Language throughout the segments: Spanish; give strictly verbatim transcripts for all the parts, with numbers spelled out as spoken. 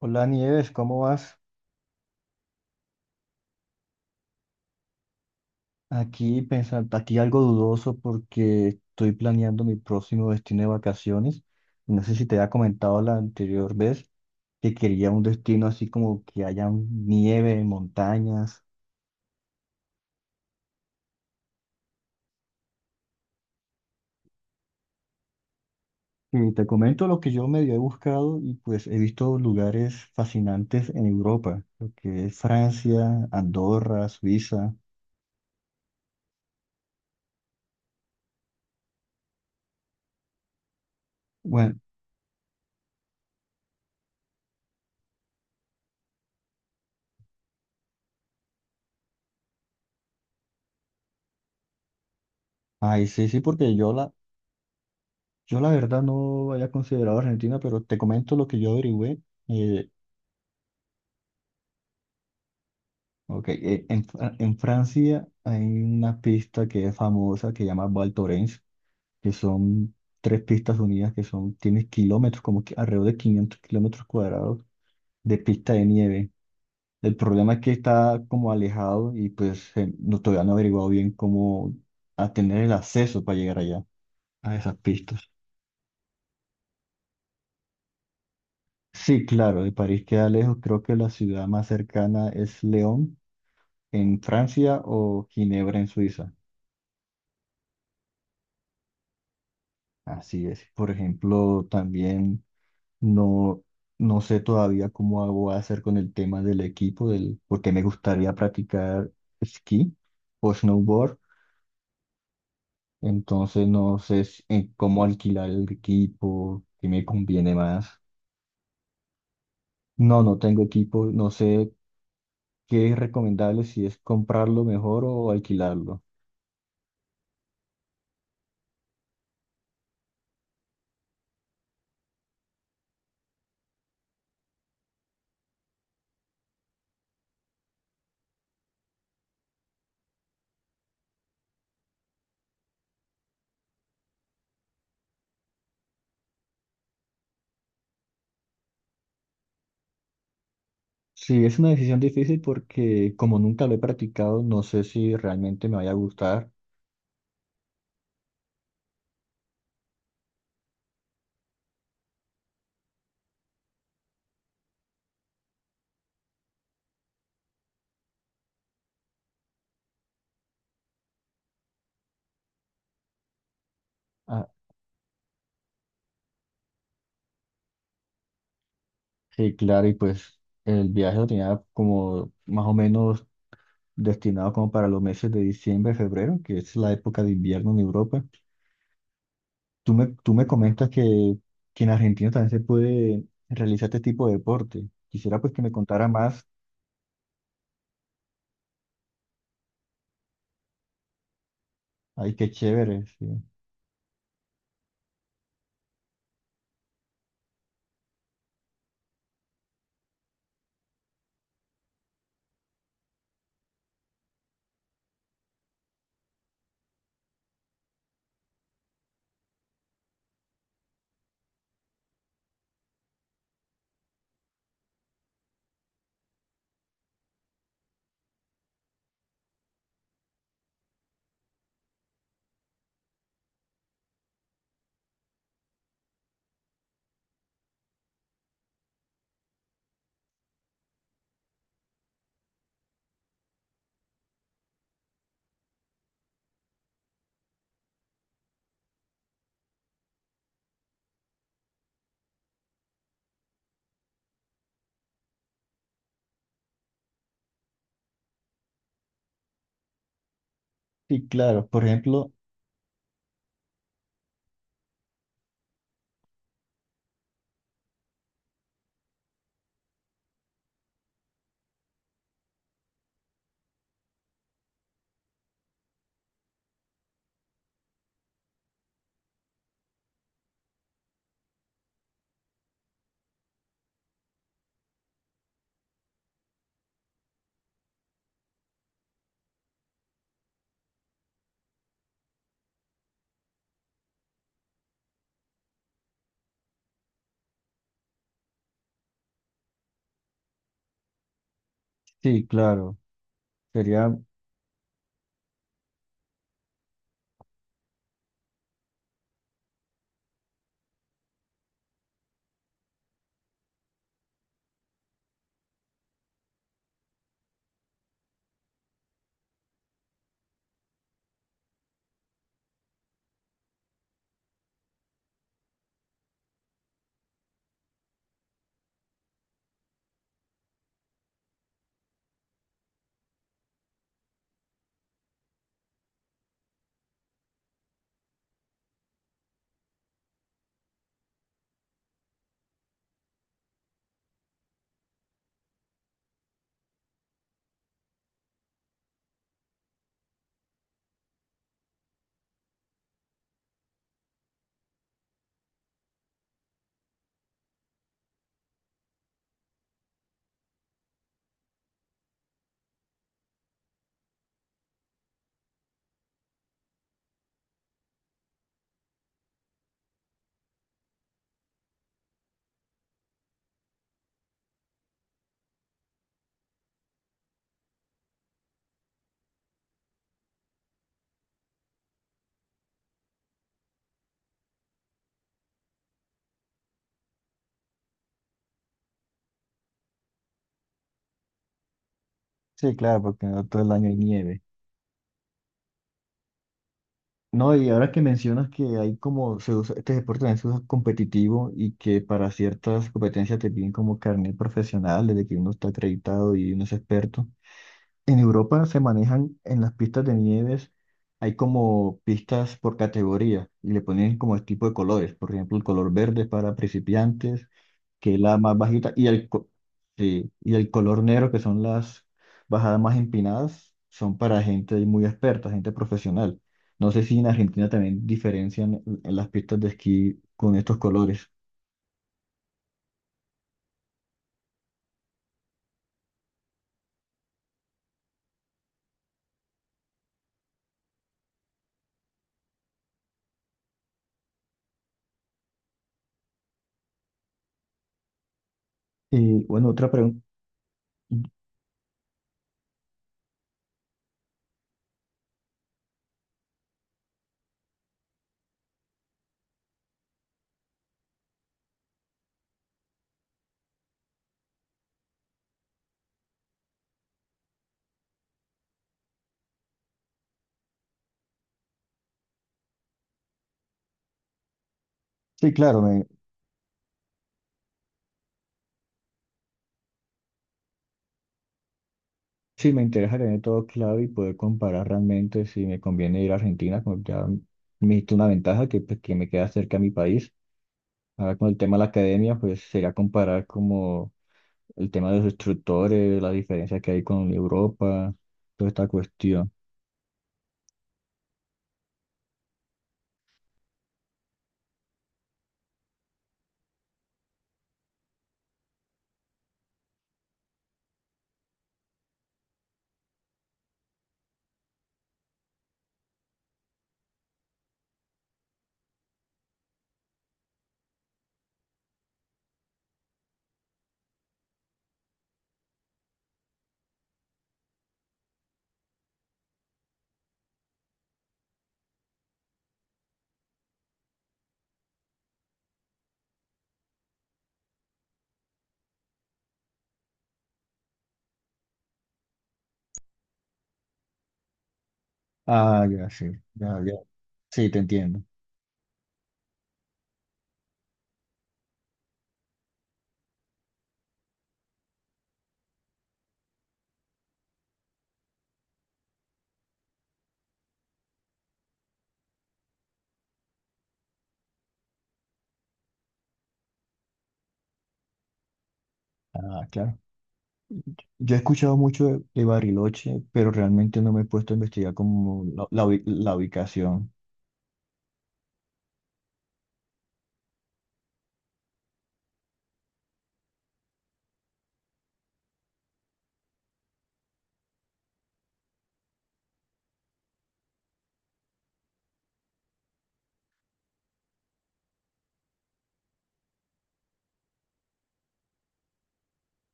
Hola Nieves, ¿cómo vas? Aquí pensando, aquí algo dudoso porque estoy planeando mi próximo destino de vacaciones. No sé si te había comentado la anterior vez que quería un destino así como que haya nieve, montañas. Y te comento lo que yo medio he buscado y pues he visto lugares fascinantes en Europa, lo que es Francia, Andorra, Suiza. Bueno, ay, sí, sí, porque yo la, yo la verdad no había considerado Argentina, pero te comento lo que yo averigüé. Eh, Ok, eh, en, Fra- en Francia hay una pista que es famosa que se llama Val Thorens, que son tres pistas unidas que son, tienen kilómetros, como que alrededor de quinientos kilómetros cuadrados de pista de nieve. El problema es que está como alejado y pues eh, no, todavía no he averiguado bien cómo a tener el acceso para llegar allá, a esas pistas. Sí, claro, de París queda lejos, creo que la ciudad más cercana es León en Francia o Ginebra en Suiza. Así es. Por ejemplo, también no, no sé todavía cómo hago- voy a hacer con el tema del equipo, del, porque me gustaría practicar esquí o snowboard. Entonces no sé si- en cómo alquilar el equipo, qué me conviene más. No, no tengo equipo, no sé qué es recomendable, si es comprarlo mejor o alquilarlo. Sí, es una decisión difícil porque como nunca lo he practicado, no sé si realmente me vaya a gustar. Sí, claro, y pues el viaje lo tenía como más o menos destinado como para los meses de diciembre, febrero, que es la época de invierno en Europa. Tú me, tú me comentas que, que en Argentina también se puede realizar este tipo de deporte. Quisiera pues que me contara más. Ay, qué chévere, sí. Sí, claro. Por ejemplo, sí, claro. Sería, sí, claro, porque no todo el año hay nieve. No, y ahora que mencionas que hay como, se usa- este deporte también se usa competitivo y que para ciertas competencias te piden como carnet profesional, desde que uno está acreditado y uno es experto. En Europa se manejan en las pistas de nieves, hay como pistas por categoría y le ponen como el tipo de colores. Por ejemplo, el color verde es para principiantes, que es la más bajita, y el, co- sí, y el color negro, que son las bajadas más empinadas, son para gente muy experta, gente profesional. No sé si en Argentina también diferencian en las pistas de esquí con estos colores. Y bueno, otra pregunta. Sí, claro, me, sí me interesa tener todo claro y poder comparar realmente si me conviene ir a Argentina, como ya me diste una ventaja que, pues, que me queda cerca a mi país. Ahora con el tema de la academia, pues sería comparar como el tema de los instructores, la diferencia que hay con Europa, toda esta cuestión. Ah, ya, sí, ya, ya. Sí, te entiendo. Ah, claro. Yo he escuchado mucho de, de Bariloche, pero realmente no me he puesto a investigar como la, la ubi- la ubicación.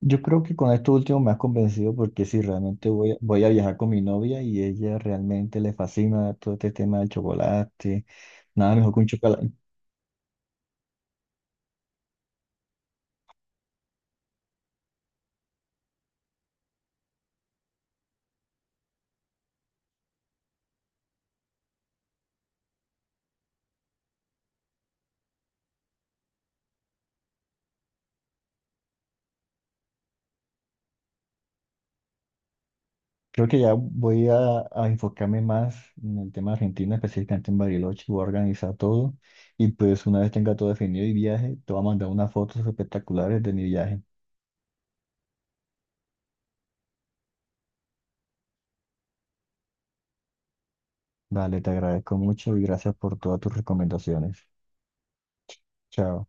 Yo creo que con esto último me has convencido porque si realmente voy a, voy a viajar con mi novia y ella realmente le fascina todo este tema del chocolate, nada mejor que un chocola- Creo que ya voy a, a enfocarme más en el tema Argentina, específicamente en Bariloche, voy a organizar todo y pues una vez tenga todo definido y viaje, te voy a mandar unas fotos espectaculares de mi viaje. Vale, te agradezco mucho y gracias por todas tus recomendaciones. Chao.